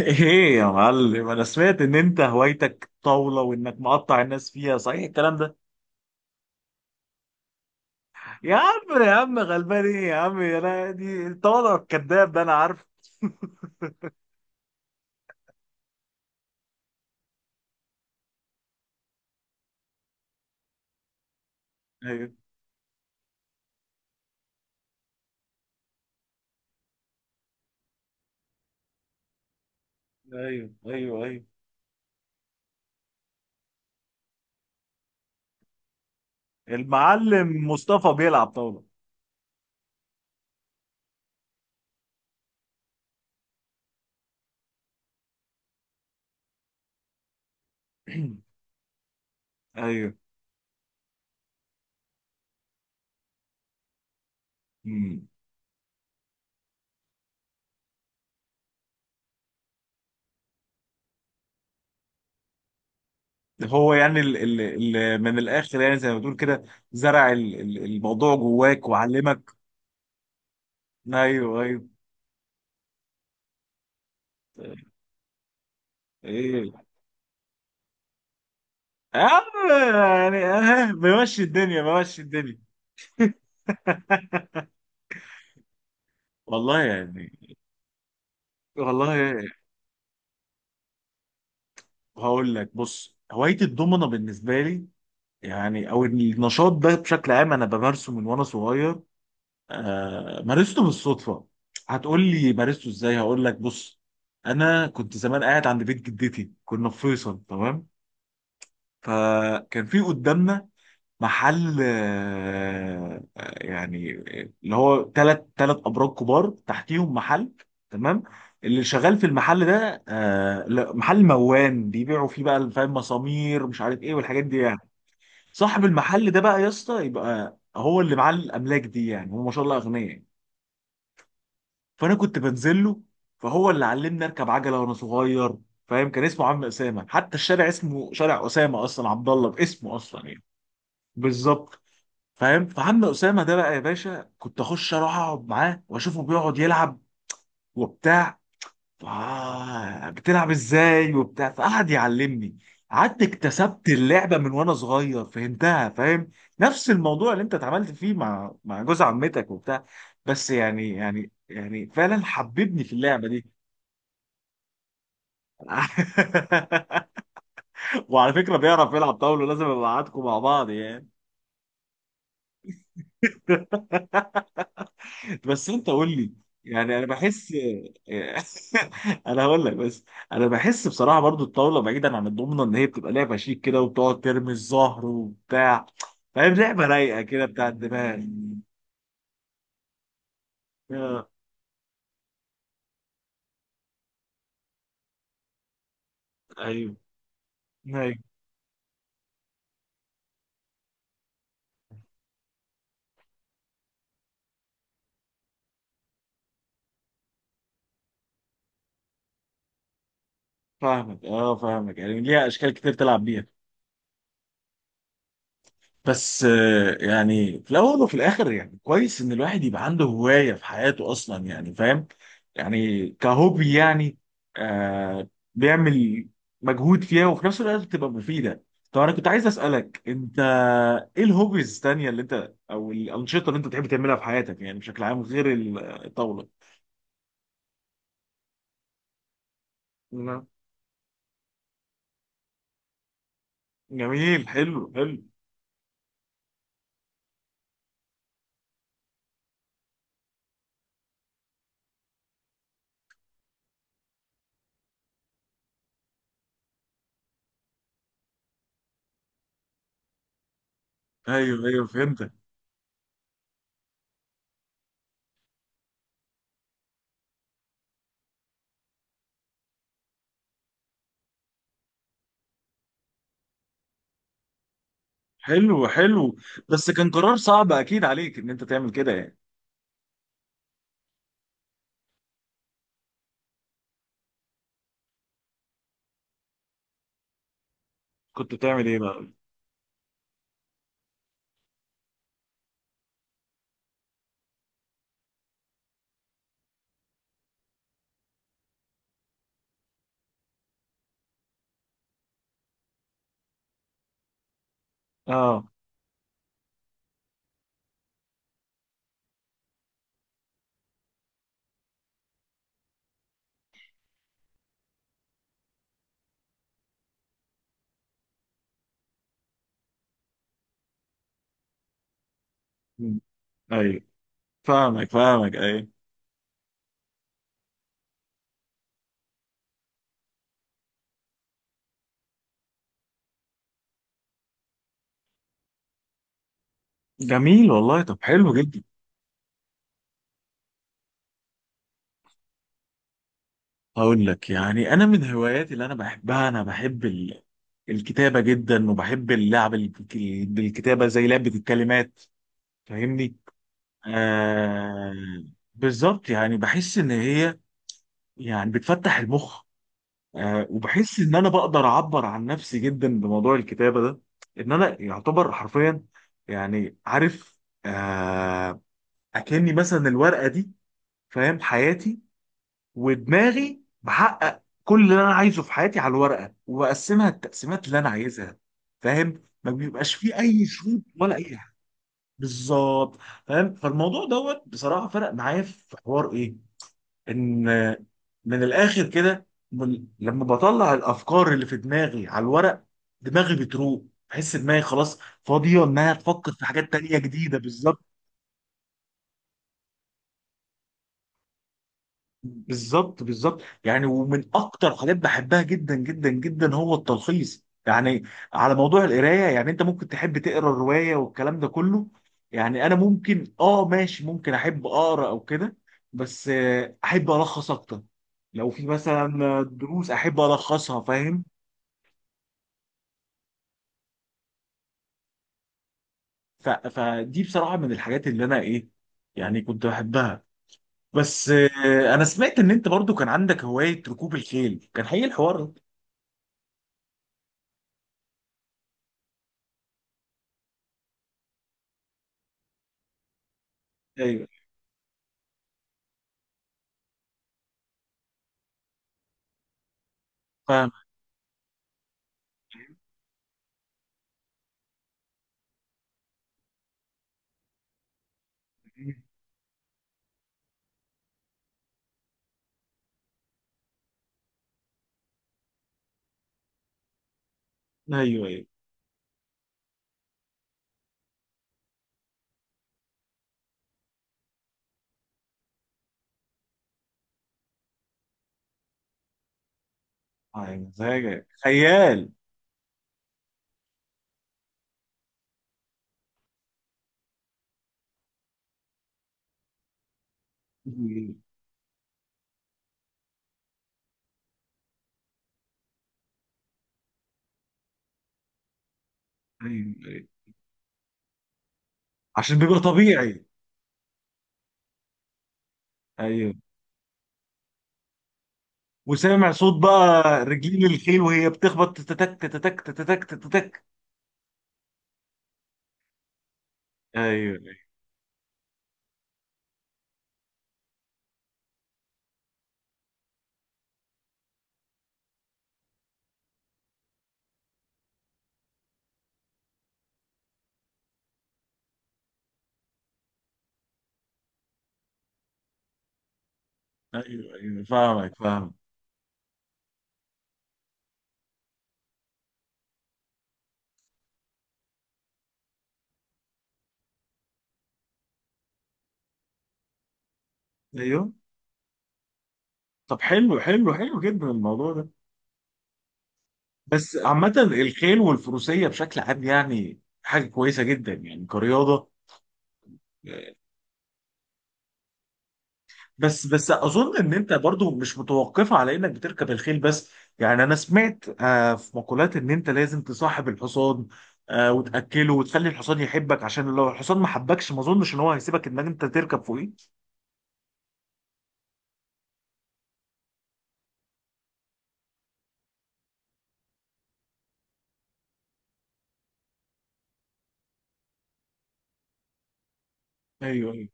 ايه يا معلم، انا سمعت ان انت هوايتك طاولة وانك مقطع الناس فيها، صحيح الكلام ده؟ يا عم يا عم غلبان ايه يا عم، انا دي الطاولة، الكذاب ده انا عارف. ايوه، ايوه، ايوه. ايوه. المعلم مصطفى بيلعب طاولة. ايوه. أمم. هو يعني ال ال ال من الاخر، يعني زي ما بتقول كده. زرع الموضوع جواك وعلمك. ايوه، ايوه. ايه يا عم، يعني بمشي الدنيا بمشي الدنيا. والله يعني. والله يعني. هقول لك، بص، هواية الضمنة بالنسبة لي، يعني أو النشاط ده بشكل عام أنا بمارسه من وأنا صغير. آه، مارسته بالصدفة. هتقول لي مارسته إزاي؟ هقول لك، بص. أنا كنت زمان قاعد عند بيت جدتي، كنا في فيصل، تمام. فكان في قدامنا محل، يعني اللي هو تلات ابراج كبار تحتيهم محل. تمام. اللي شغال في المحل ده، لا، محل موان بيبيعوا فيه بقى فاهم، مسامير مش عارف ايه والحاجات دي يعني. صاحب المحل ده بقى يا اسطى، يبقى هو اللي معاه الاملاك دي، يعني هو ما شاء الله اغنياء يعني. فانا كنت بنزل له، فهو اللي علمني اركب عجله وانا صغير. فاهم، كان اسمه عم اسامه، حتى الشارع اسمه شارع اسامه اصلا، عبد الله باسمه اصلا يعني. بالظبط. فاهم، فعم اسامه ده بقى يا باشا كنت اخش اروح اقعد معاه واشوفه بيقعد يلعب وبتاع. ف- بتلعب ازاي وبتاع، فقعد يعلمني. قعدت اكتسبت اللعبه من وانا صغير، فهمتها، فاهم. نفس الموضوع اللي انت اتعاملت فيه مع جوز عمتك وبتاع. بس يعني فعلا حببني في اللعبه دي. وعلى فكره، بيعرف يلعب طاوله لازم ابقى معاكم مع بعض يعني. بس انت قول لي، يعني انا بحس، انا هقول لك بس. انا بحس بصراحه برضو الطاوله بعيدا عن الضمنه، ان هي بتبقى لعبه شيك كده، وبتقعد ترمي الزهر وبتاع. فاهم، لعبه رايقه كده، بتاع الدماغ. آه، ايوه، ايوه، فاهمك، فاهمك، يعني ليها اشكال كتير تلعب بيها. بس يعني في الاول وفي الاخر، يعني كويس ان الواحد يبقى عنده هوايه في حياته اصلا يعني فاهم، يعني كهوبي يعني. آه. بيعمل مجهود فيها، وفي نفس الوقت بتبقى مفيده. طب انا كنت عايز اسالك انت، ايه الهوبيز الثانيه اللي انت، او الانشطه اللي انت بتحب تعملها في حياتك يعني بشكل عام، غير الطاوله؟ نعم. جميل، حلو، حلو. ايوه، ايوه، فهمتك. حلو، حلو. بس كان قرار صعب اكيد عليك ان انت تعمل كده يعني. كنت بتعمل ايه بقى؟ اه. مم. ايوه، فاهمك فاهمك، ايوه. جميل والله، طب حلو جدا. هقول لك، يعني انا من هواياتي اللي انا بحبها، انا بحب ال... الكتابه جدا، وبحب اللعب ال- بالكتابه، زي لعبه الكلمات. فاهمني. آه. بالظبط، يعني بحس ان هي، يعني بتفتح المخ. آه، وبحس ان انا بقدر اعبر عن نفسي جدا بموضوع الكتابه ده، ان انا يعتبر حرفيا، يعني عارف، آه، اكني مثلا الورقه دي، فاهم، حياتي ودماغي بحقق كل اللي انا عايزه في حياتي على الورقه، وبقسمها التقسيمات اللي انا عايزها. فاهم، ما بيبقاش فيه اي شروط ولا اي حاجه. بالظبط. فاهم، فالموضوع دوت بصراحه فرق معايا في حوار ايه، ان من الاخر كده، لما بطلع الافكار اللي في دماغي على الورق، دماغي بتروق، بحس دماغي خلاص فاضيه انها تفكر في حاجات تانية جديده. بالظبط، بالظبط، بالظبط، يعني ومن اكتر حاجات بحبها جدا جدا جدا هو التلخيص، يعني على موضوع القرايه، يعني انت ممكن تحب تقرا الروايه والكلام ده كله، يعني انا ممكن ماشي، ممكن احب اقرا او كده، بس احب الخص اكتر. لو في مثلا دروس احب الخصها، فاهم. فدي بصراحه من الحاجات اللي انا ايه، يعني كنت بحبها. بس انا سمعت ان انت برضو كان عندك هوايه ركوب الخيل، كان حقيقي الحوار ده؟ ايوه. فاهم. ايوه، ايوه. ايوه، مزاجك خيال. ايوه، ايوه، عشان بيبقى طبيعي. ايوه، وسامع صوت بقى رجلين الخيل وهي بتخبط، تتك تتك تتك تتك. ايوه. ايوه، ايوه فاهمك فاهمك، ايوه. طب حلو حلو حلو جدا الموضوع ده. بس عامة الخيل والفروسية بشكل عام يعني حاجة كويسة جدا يعني كرياضة. بس اظن ان انت برضو مش متوقفه على انك بتركب الخيل بس، يعني انا سمعت في مقولات ان انت لازم تصاحب الحصان، وتاكله وتخلي الحصان يحبك، عشان لو الحصان ما حبكش ما اظنش ان هو هيسيبك انك انت تركب فوقيه. ايوه، ايوه.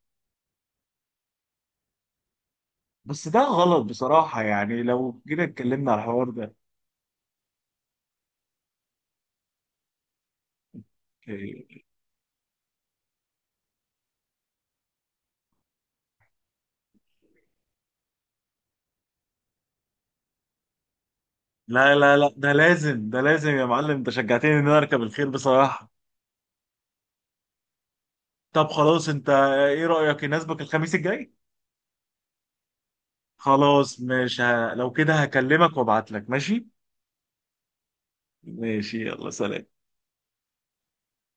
بس ده غلط بصراحه، يعني لو جينا اتكلمنا على الحوار ده. إيه. لا، لا، لا، ده لازم ده لازم يا معلم، انت شجعتني ان انا اركب الخيل بصراحه. طب خلاص، انت ايه رايك، يناسبك الخميس الجاي؟ خلاص، مش ه... لو كده هكلمك وابعت لك، ماشي. ماشي، يلا، سلام.